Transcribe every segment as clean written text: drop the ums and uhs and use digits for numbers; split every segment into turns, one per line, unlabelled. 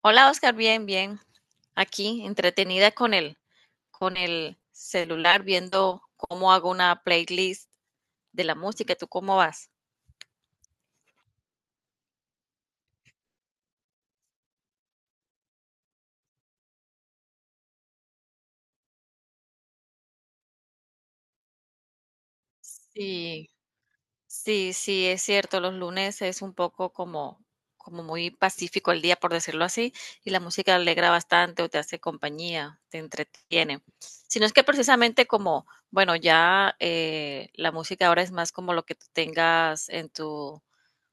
Hola, Oscar, bien, bien. Aquí, entretenida con con el celular, viendo cómo hago una playlist de la música. ¿Tú cómo vas? Sí. Sí, sí, es cierto, los lunes es un poco como muy pacífico el día, por decirlo así, y la música alegra bastante o te hace compañía, te entretiene. Si no es que precisamente como, bueno, ya la música ahora es más como lo que tú tengas en tu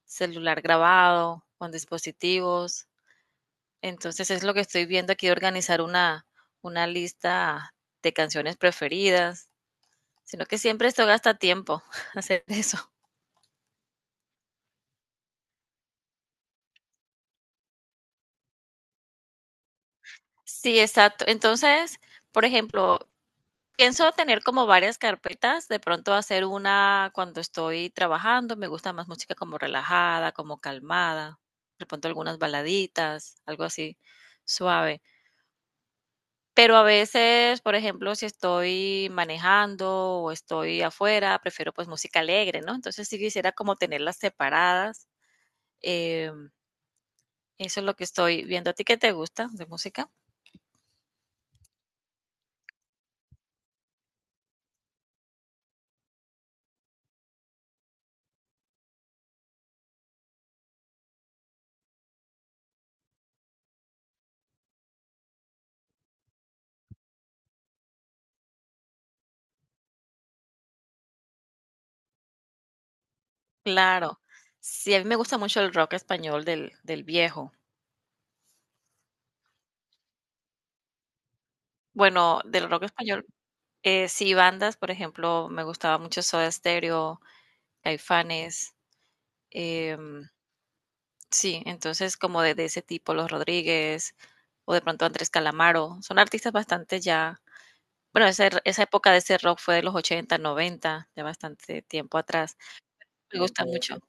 celular grabado, con dispositivos. Entonces es lo que estoy viendo aquí de organizar una lista de canciones preferidas, sino que siempre esto gasta tiempo hacer eso. Sí, exacto. Entonces, por ejemplo, pienso tener como varias carpetas, de pronto hacer una cuando estoy trabajando, me gusta más música como relajada, como calmada, de pronto algunas baladitas, algo así suave. Pero a veces, por ejemplo, si estoy manejando o estoy afuera, prefiero pues música alegre, ¿no? Entonces sí quisiera como tenerlas separadas. em, Eso es lo que estoy viendo. ¿A ti qué te gusta de música? Claro. Sí, a mí me gusta mucho el rock español del viejo. Bueno, del rock español, sí, bandas, por ejemplo, me gustaba mucho Soda Stereo, Caifanes, em, sí, entonces como de ese tipo, Los Rodríguez, o de pronto Andrés Calamaro, son artistas bastante ya bueno, esa er esa época de ese rock fue de los 80 90, de bastante tiempo atrás. Me gusta mucho.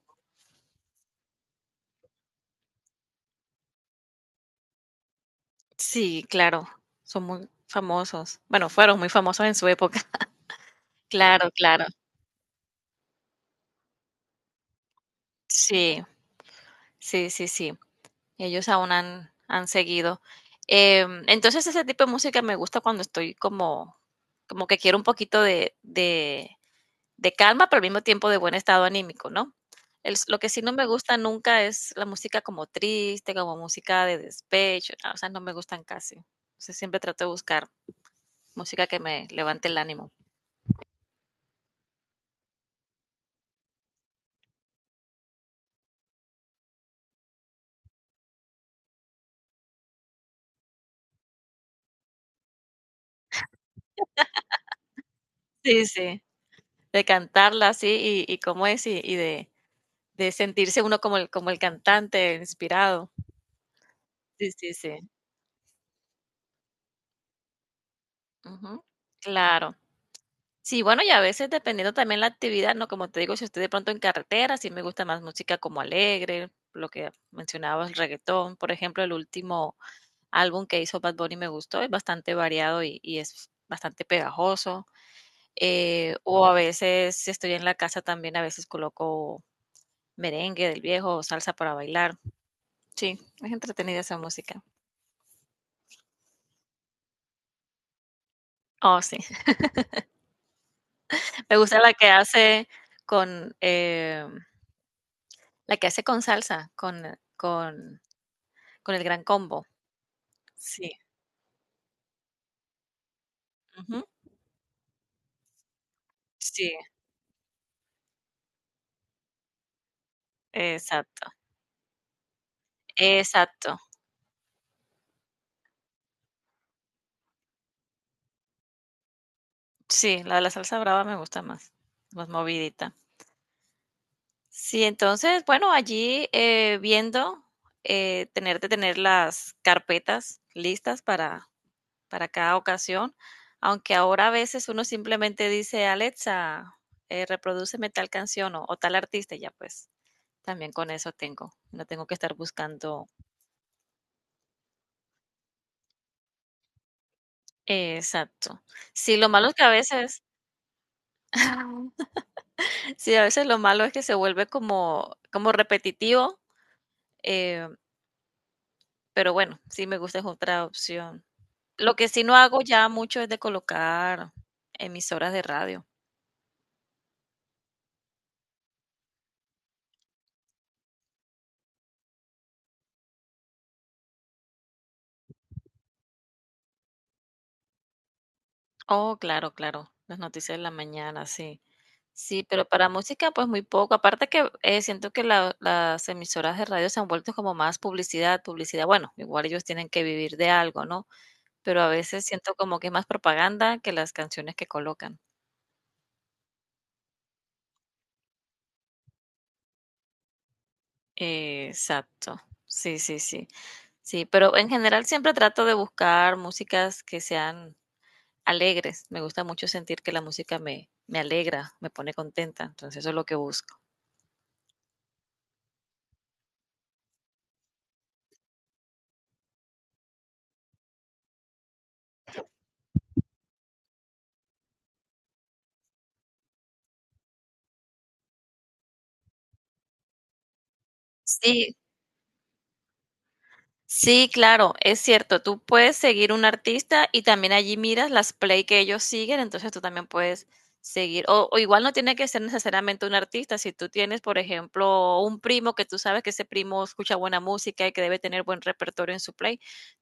Sí, claro, son muy famosos. Bueno, fueron muy famosos en su época. Claro, claro. Sí. Sí, sí, sí. Ellos aún han seguido. Entonces ese tipo de música me gusta cuando estoy como, como que quiero un poquito de calma, pero al mismo tiempo de buen estado anímico, ¿no? Lo que sí no me gusta nunca es la música como triste, como música de despecho, ah, o sea, no me gustan casi. O sea, siempre trato de buscar música que me levante el ánimo. Sí, sí, de cantarla así y cómo es y de sentirse uno como el cantante inspirado. Sí, sí, sí. Ujú, claro. Sí, bueno, y a veces dependiendo también la actividad, ¿no? Como te digo, si estoy de pronto en carretera, sí me gusta más música como alegre, lo que mencionabas, el reggaetón. Por ejemplo, el último álbum que hizo Bad Bunny me gustó, es bastante variado y es bastante pegajoso. O a veces, si estoy en la casa también, a veces coloco merengue del viejo o salsa para bailar. Sí, es entretenida esa música. Oh, sí. Me gusta la que hace con... eh, la que hace con salsa, con con el Gran Combo. Sí, ujú. Sí, exacto, exacto. Sí, la de la salsa brava me gusta más, más movidita. Sí, entonces, bueno, allí, viendo, tener las carpetas listas para cada ocasión, aunque ahora a veces uno simplemente dice: "Alexa, reprodúceme tal canción o tal artista", y ya, pues, también con eso tengo, no tengo que estar buscando. Exacto. Sí, lo malo es que a veces sí, a veces lo malo es que se vuelve como como repetitivo, eh, pero bueno, sí me gusta, es otra opción. Lo que sí no hago ya mucho es de colocar emisoras de radio. Oh, claro, claro, las noticias de la mañana, sí. Sí, pero para música, pues, muy poco. Aparte que, siento que la las emisoras de radio se han vuelto como más publicidad, publicidad. Bueno, igual ellos tienen que vivir de algo, ¿no? Pero a veces siento como que es más propaganda que las canciones que colocan. Exacto. Sí, sí, sí. Sí, pero en general siempre trato de buscar músicas que sean alegres. Me gusta mucho sentir que la música me alegra, me pone contenta, entonces eso es lo que busco. Sí. Sí, claro, es cierto. Tú puedes seguir un artista y también allí miras las play que ellos siguen, entonces tú también puedes seguir. O igual no tiene que ser necesariamente un artista. Si tú tienes, por ejemplo, un primo que tú sabes que ese primo escucha buena música y que debe tener buen repertorio en su play,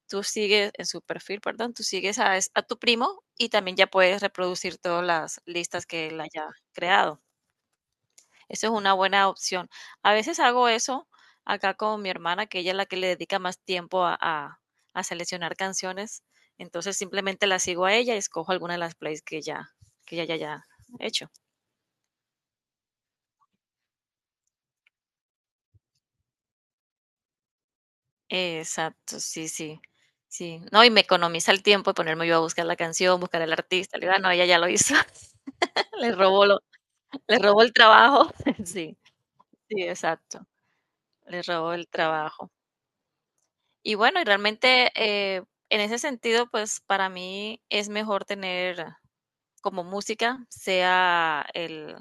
tú sigues en su perfil, perdón, tú sigues a, es- a tu primo y también ya puedes reproducir todas las listas que él haya creado. Eso es una buena opción. A veces hago eso acá con mi hermana, que ella es la que le dedica más tiempo a seleccionar canciones. Entonces simplemente la sigo a ella y escojo alguna de las plays que ya hecho. Exacto, sí, sí, sí. No, y me economiza el tiempo de ponerme yo a buscar la canción, buscar al artista. Le digo, "Ah, no, ella ya lo hizo". Le robó lo, le robó el trabajo. Sí, sí, exacto. Le robó el trabajo. Y bueno, y realmente en ese sentido, pues para mí es mejor tener como música, sea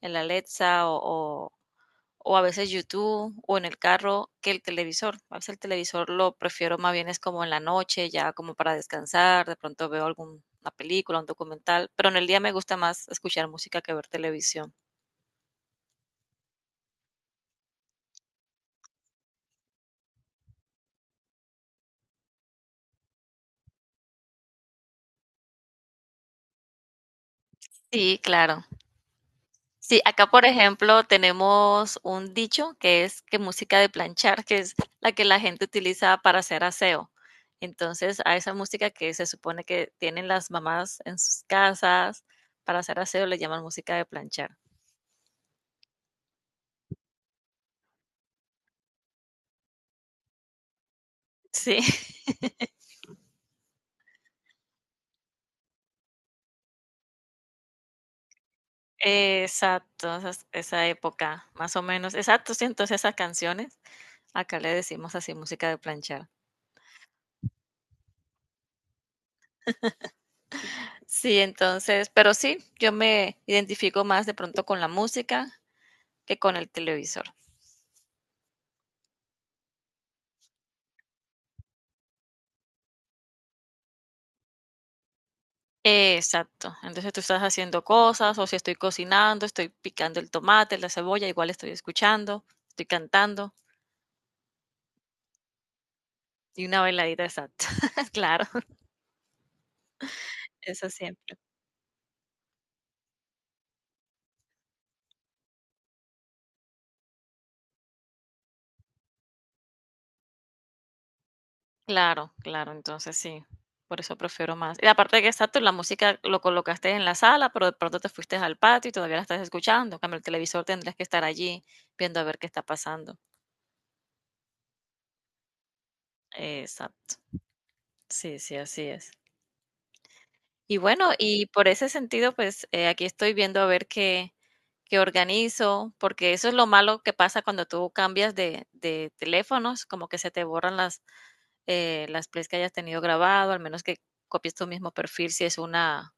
el Alexa o, o a veces YouTube o en el carro que el televisor. A veces el televisor lo prefiero más bien es como en la noche, ya como para descansar, de pronto veo alguna película, un documental, pero en el día me gusta más escuchar música que ver televisión. Sí, claro. Sí, acá por ejemplo tenemos un dicho que es que música de planchar, que es la que la gente utiliza para hacer aseo. Entonces, a esa música que se supone que tienen las mamás en sus casas para hacer aseo le llaman música de planchar. Sí, exacto, esa época, más o menos. Exacto, sí, entonces esas canciones, acá le decimos así música de planchar. Sí, entonces, pero sí, yo me identifico más de pronto con la música que con el televisor. Exacto. Entonces tú estás haciendo cosas, o si estoy cocinando, estoy picando el tomate, la cebolla, igual estoy escuchando, estoy cantando y una bailadita, exacto. Claro. Eso siempre. Claro, claro, entonces sí, por eso prefiero más. Y aparte de que exacto, la música lo colocaste en la sala, pero de pronto te fuiste al patio y todavía la estás escuchando. En cambio, el televisor tendrás que estar allí viendo a ver qué está pasando. Exacto. Sí, sí, así es. Y bueno, y por ese sentido, pues aquí estoy viendo a ver qué organizo, porque eso es lo malo que pasa cuando tú cambias de teléfonos, como que se te borran las plays que hayas tenido grabado, al menos que copies tu mismo perfil, si es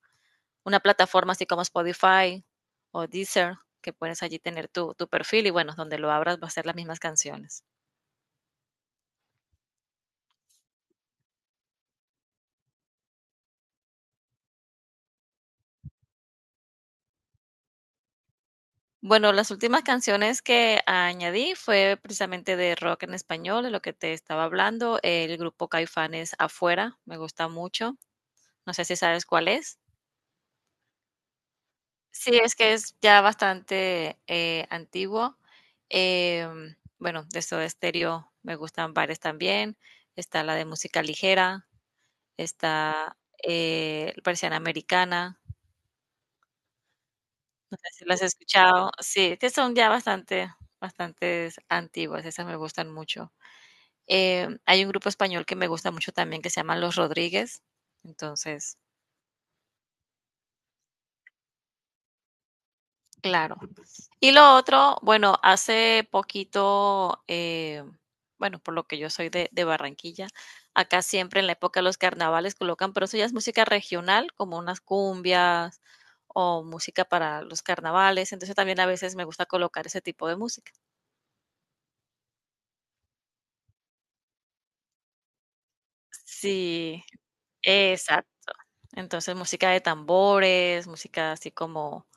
una plataforma así como Spotify o Deezer, que puedes allí tener tu perfil y bueno, donde lo abras va a ser las mismas canciones. Bueno, las últimas canciones que añadí fue precisamente de rock en español, de lo que te estaba hablando. El grupo Caifanes Afuera, me gusta mucho. No sé si sabes cuál es. Sí, es que es ya bastante antiguo. Bueno, de Soda Stereo me gustan varias también. Está la de música ligera, está Persiana Americana. No sé si las has escuchado. Sí, que son ya bastante, bastantes antiguas. Esas me gustan mucho. Hay un grupo español que me gusta mucho también que se llama Los Rodríguez. Entonces, claro. Y lo otro, bueno, hace poquito, bueno, por lo que yo soy de Barranquilla, acá siempre en la época de los carnavales colocan, pero eso ya es música regional, como unas cumbias o música para los carnavales. Entonces también a veces me gusta colocar ese tipo de música. Sí, exacto. Entonces música de tambores, música así como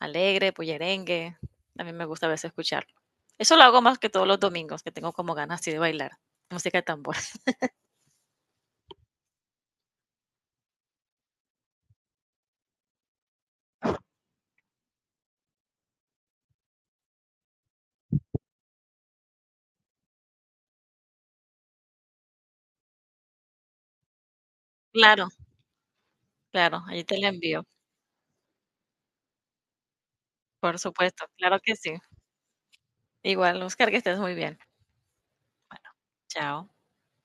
alegre, bullerengue. También me gusta a veces escucharlo. Eso lo hago más que todos los domingos, que tengo como ganas así de bailar. Música de tambor. Claro, claro, allí te la envío. Por supuesto, claro que sí. Igual, Oscar, que estés muy bien. Bueno, chao.